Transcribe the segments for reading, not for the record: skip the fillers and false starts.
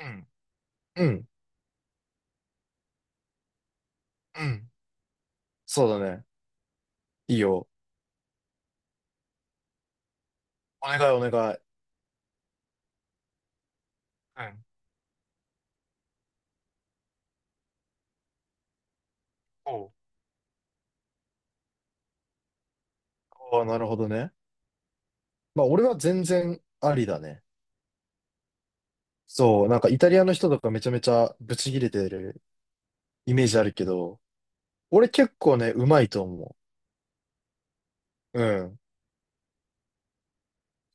うん、うん、うん、そうだね。いいよ。お願いお願い。うん。おう。ああ、なるほどね。まあ、俺は全然ありだね。そう、なんかイタリアの人とかめちゃめちゃブチギレてるイメージあるけど、俺結構ね、うまいと思う。うん。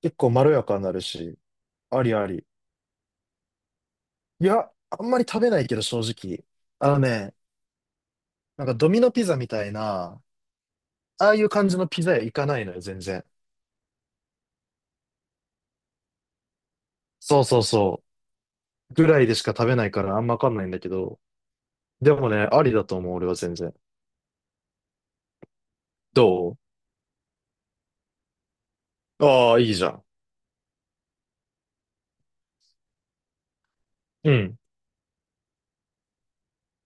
結構まろやかになるし、ありあり。いや、あんまり食べないけど正直。あのね、なんかドミノピザみたいな、ああいう感じのピザ屋行かないのよ、全然。そうそうそう。ぐらいでしか食べないからあんまわかんないんだけど、でもね、ありだと思う、俺は全然。どう。ああ、いいじゃん。うん。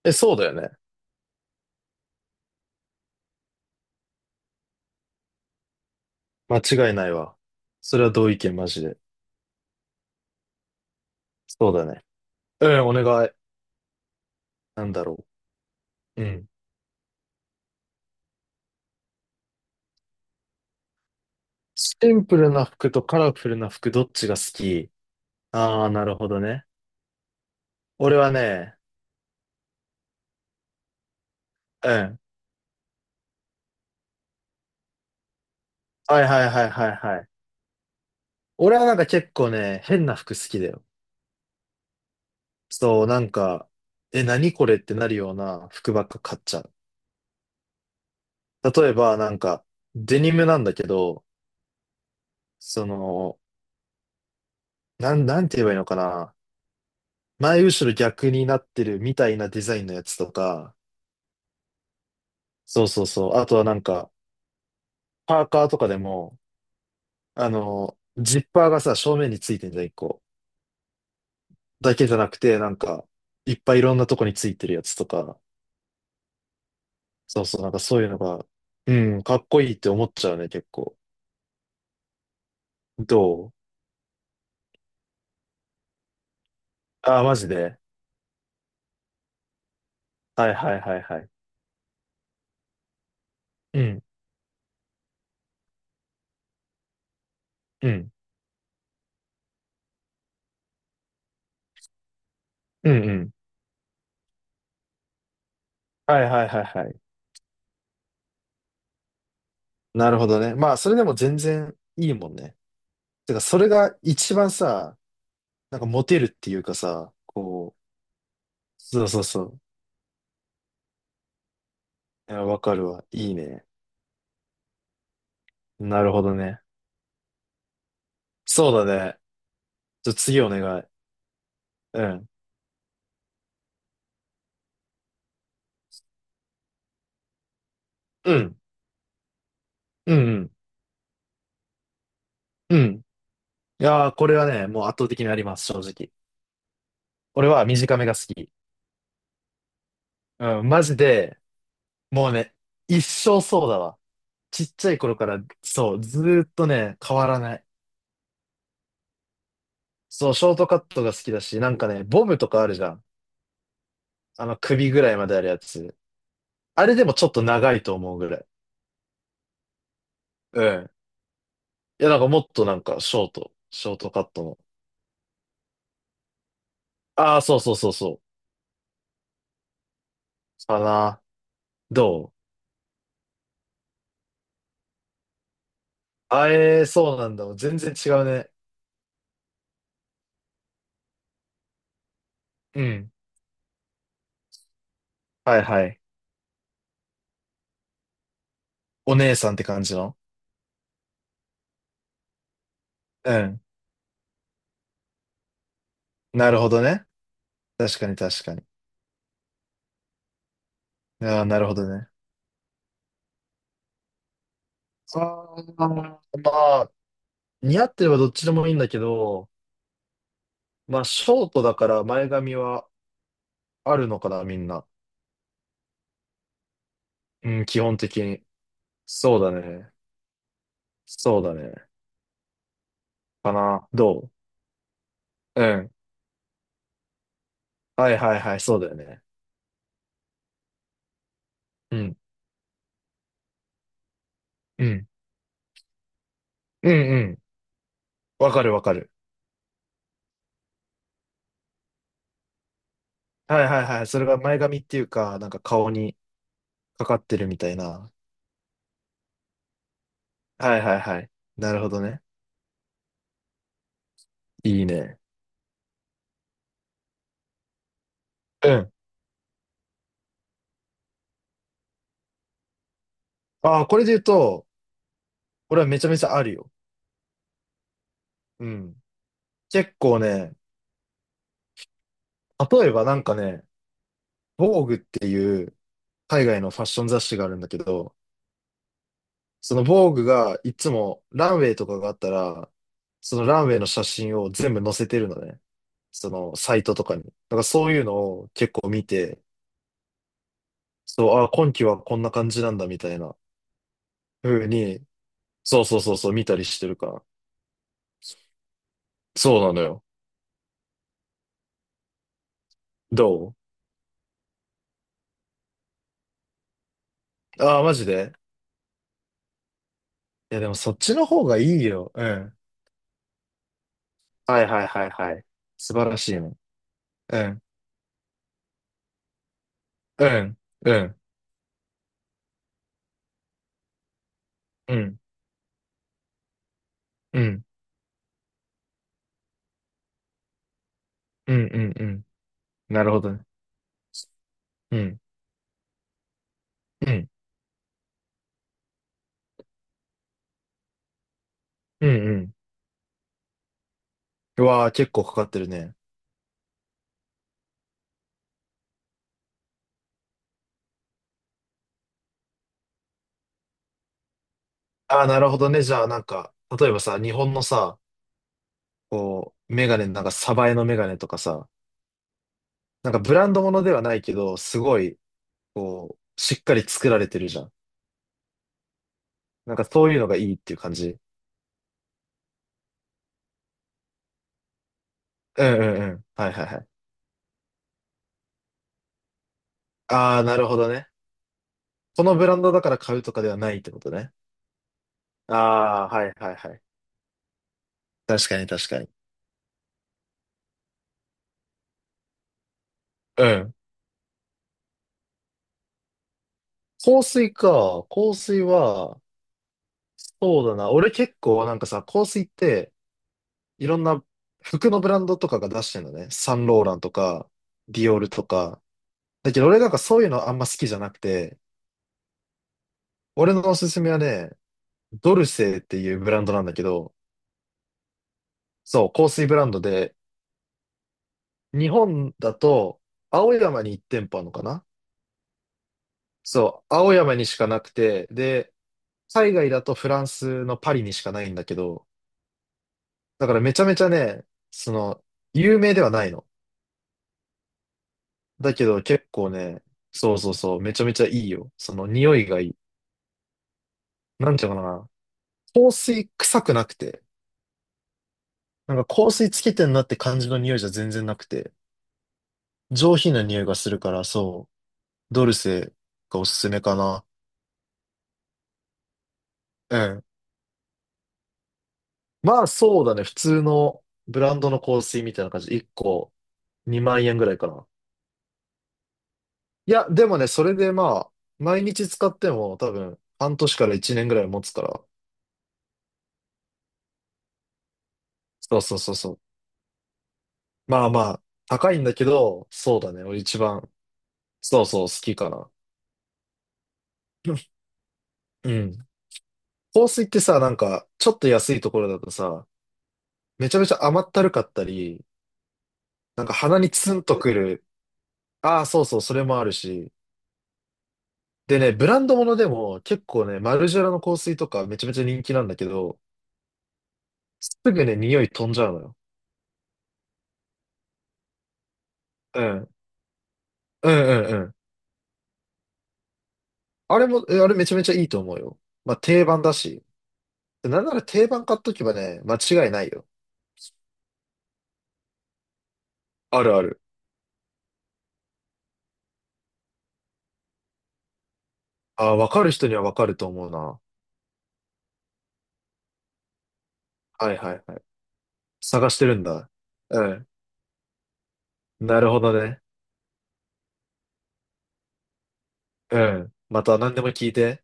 え、そうだよね。間違いないわ。それは同意見、マジで。そうだね。うん、お願い。なんだろう。うん。シンプルな服とカラフルな服、どっちが好き？ああー、なるほどね。俺はね、うん。はいはいはいはいはい。俺はなんか結構ね、変な服好きだよ。そう、なんか、え、何これってなるような服ばっか買っちゃう。例えば、なんか、デニムなんだけど、その、なんて言えばいいのかな。前後ろ逆になってるみたいなデザインのやつとか、そうそうそう。あとはなんか、パーカーとかでも、あの、ジッパーがさ、正面についてんじゃん、一個。だけじゃなくて、なんか、いっぱいいろんなとこについてるやつとか、そうそう、なんかそういうのが、うん、かっこいいって思っちゃうね、結構。どう。ああー、マジで。はいはいはいはい。うん、うん、うん、うん。はいはいはいはい。なるほどね。まあ、それでも全然いいもんね。てか、それが一番さ、なんかモテるっていうかさ、こう、そうそうそう。いや、わかるわ。いいね。なるほどね。そうだね。じゃあ次お願い。うん。うん。うん、うん。うん。いやー、これはね、もう圧倒的にあります、正直。俺は短めが好き。うん、マジで、もうね、一生そうだわ。ちっちゃい頃から、そう、ずーっとね、変わらない。そう、ショートカットが好きだし、なんかね、ボムとかあるじゃん。あの、首ぐらいまであるやつ。あれでもちょっと長いと思うぐらい。うん。いや、なんかもっとなんか、ショートカットの。ああ、そうそうそうそう。かな。どう。あえー、そうなんだ。全然違うね。うん。はいはい。お姉さんって感じの。うん。なるほどね。確かに確かに。ああ、なるほどね。ああ、まあ、似合ってればどっちでもいいんだけど、まあ、ショートだから前髪はあるのかな、みんな。うん、基本的に。そうだね。そうだね。かな。どう。うん。はいはいはい、そうだよね。うん。うんうんうん。わかるわかる。はいはいはい。それが前髪っていうか、なんか顔にかかってるみたいな。はいはいはい。なるほどね。いいね。うん。ああ、これで言うと、俺はめちゃめちゃあるよ。うん。結構ね、例えばなんかね、Vogue っていう海外のファッション雑誌があるんだけど、その Vogue がいつもランウェイとかがあったら、そのランウェイの写真を全部載せてるのね。そのサイトとかに。だからそういうのを結構見て、そう、あ、今期はこんな感じなんだみたいな風に、そうそうそうそう、見たりしてるから。そうなのよ。どう。ああー、マジで。いや、でもそっちの方がいいよ。うん。はいはいはいはい。素晴らしいね。うん。うん。うん。うん。うん。うん。うん。うん。なるほどね。うん。うん。うん。うん。うわあ、結構かかってるね。ああ、なるほどね。じゃあ、なんか、例えばさ、日本のさ、こう、メガネ、なんか、サバエのメガネとかさ、なんかブランドものではないけど、すごい、こう、しっかり作られてるじゃん。なんかそういうのがいいっていう感じ。うんうんうん。はいはいはい。ああ、なるほどね。このブランドだから買うとかではないってことね。ああ、はいはいはい。確かに確かに。うん。香水か。香水は、そうだな。俺結構なんかさ、香水って、いろんな服のブランドとかが出してるのね。サンローランとか、ディオールとか。だけど俺なんかそういうのあんま好きじゃなくて、俺のおすすめはね、ドルセーっていうブランドなんだけど、そう、香水ブランドで、日本だと、青山に1店舗あるのかな？そう、青山にしかなくて、で、海外だとフランスのパリにしかないんだけど、だからめちゃめちゃね、その、有名ではないの。だけど結構ね、そうそうそう、めちゃめちゃいいよ。その匂いがいい。なんていうのかな。香水臭くなくて、なんか香水つけてんなって感じの匂いじゃ全然なくて、上品な匂いがするから、そう、ドルセがおすすめかな。うん。まあそうだね。普通のブランドの香水みたいな感じで1個2万円ぐらいかな。いや、でもね、それでまあ、毎日使っても多分半年から1年ぐらい持つから。そうそうそうそう。まあまあ、高いんだけど、そうだね。俺一番、そうそう、好きかな。うん。香水ってさ、なんか、ちょっと安いところだとさ、めちゃめちゃ甘ったるかったり、なんか鼻にツンとくる。ああ、そうそう、それもあるし、でね、ブランドものでも結構ね、マルジェラの香水とかめちゃめちゃ人気なんだけど、すぐね、匂い飛んじゃうのよ。うん。うんうんうん。あれも、あれめちゃめちゃいいと思うよ。まあ定番だし。なんなら定番買っとけばね、間違いないよ。あるある。あー、わかる人にはわかると思うな。はいはいはい。探してるんだ。うん。なるほどね。うん。また何でも聞いて。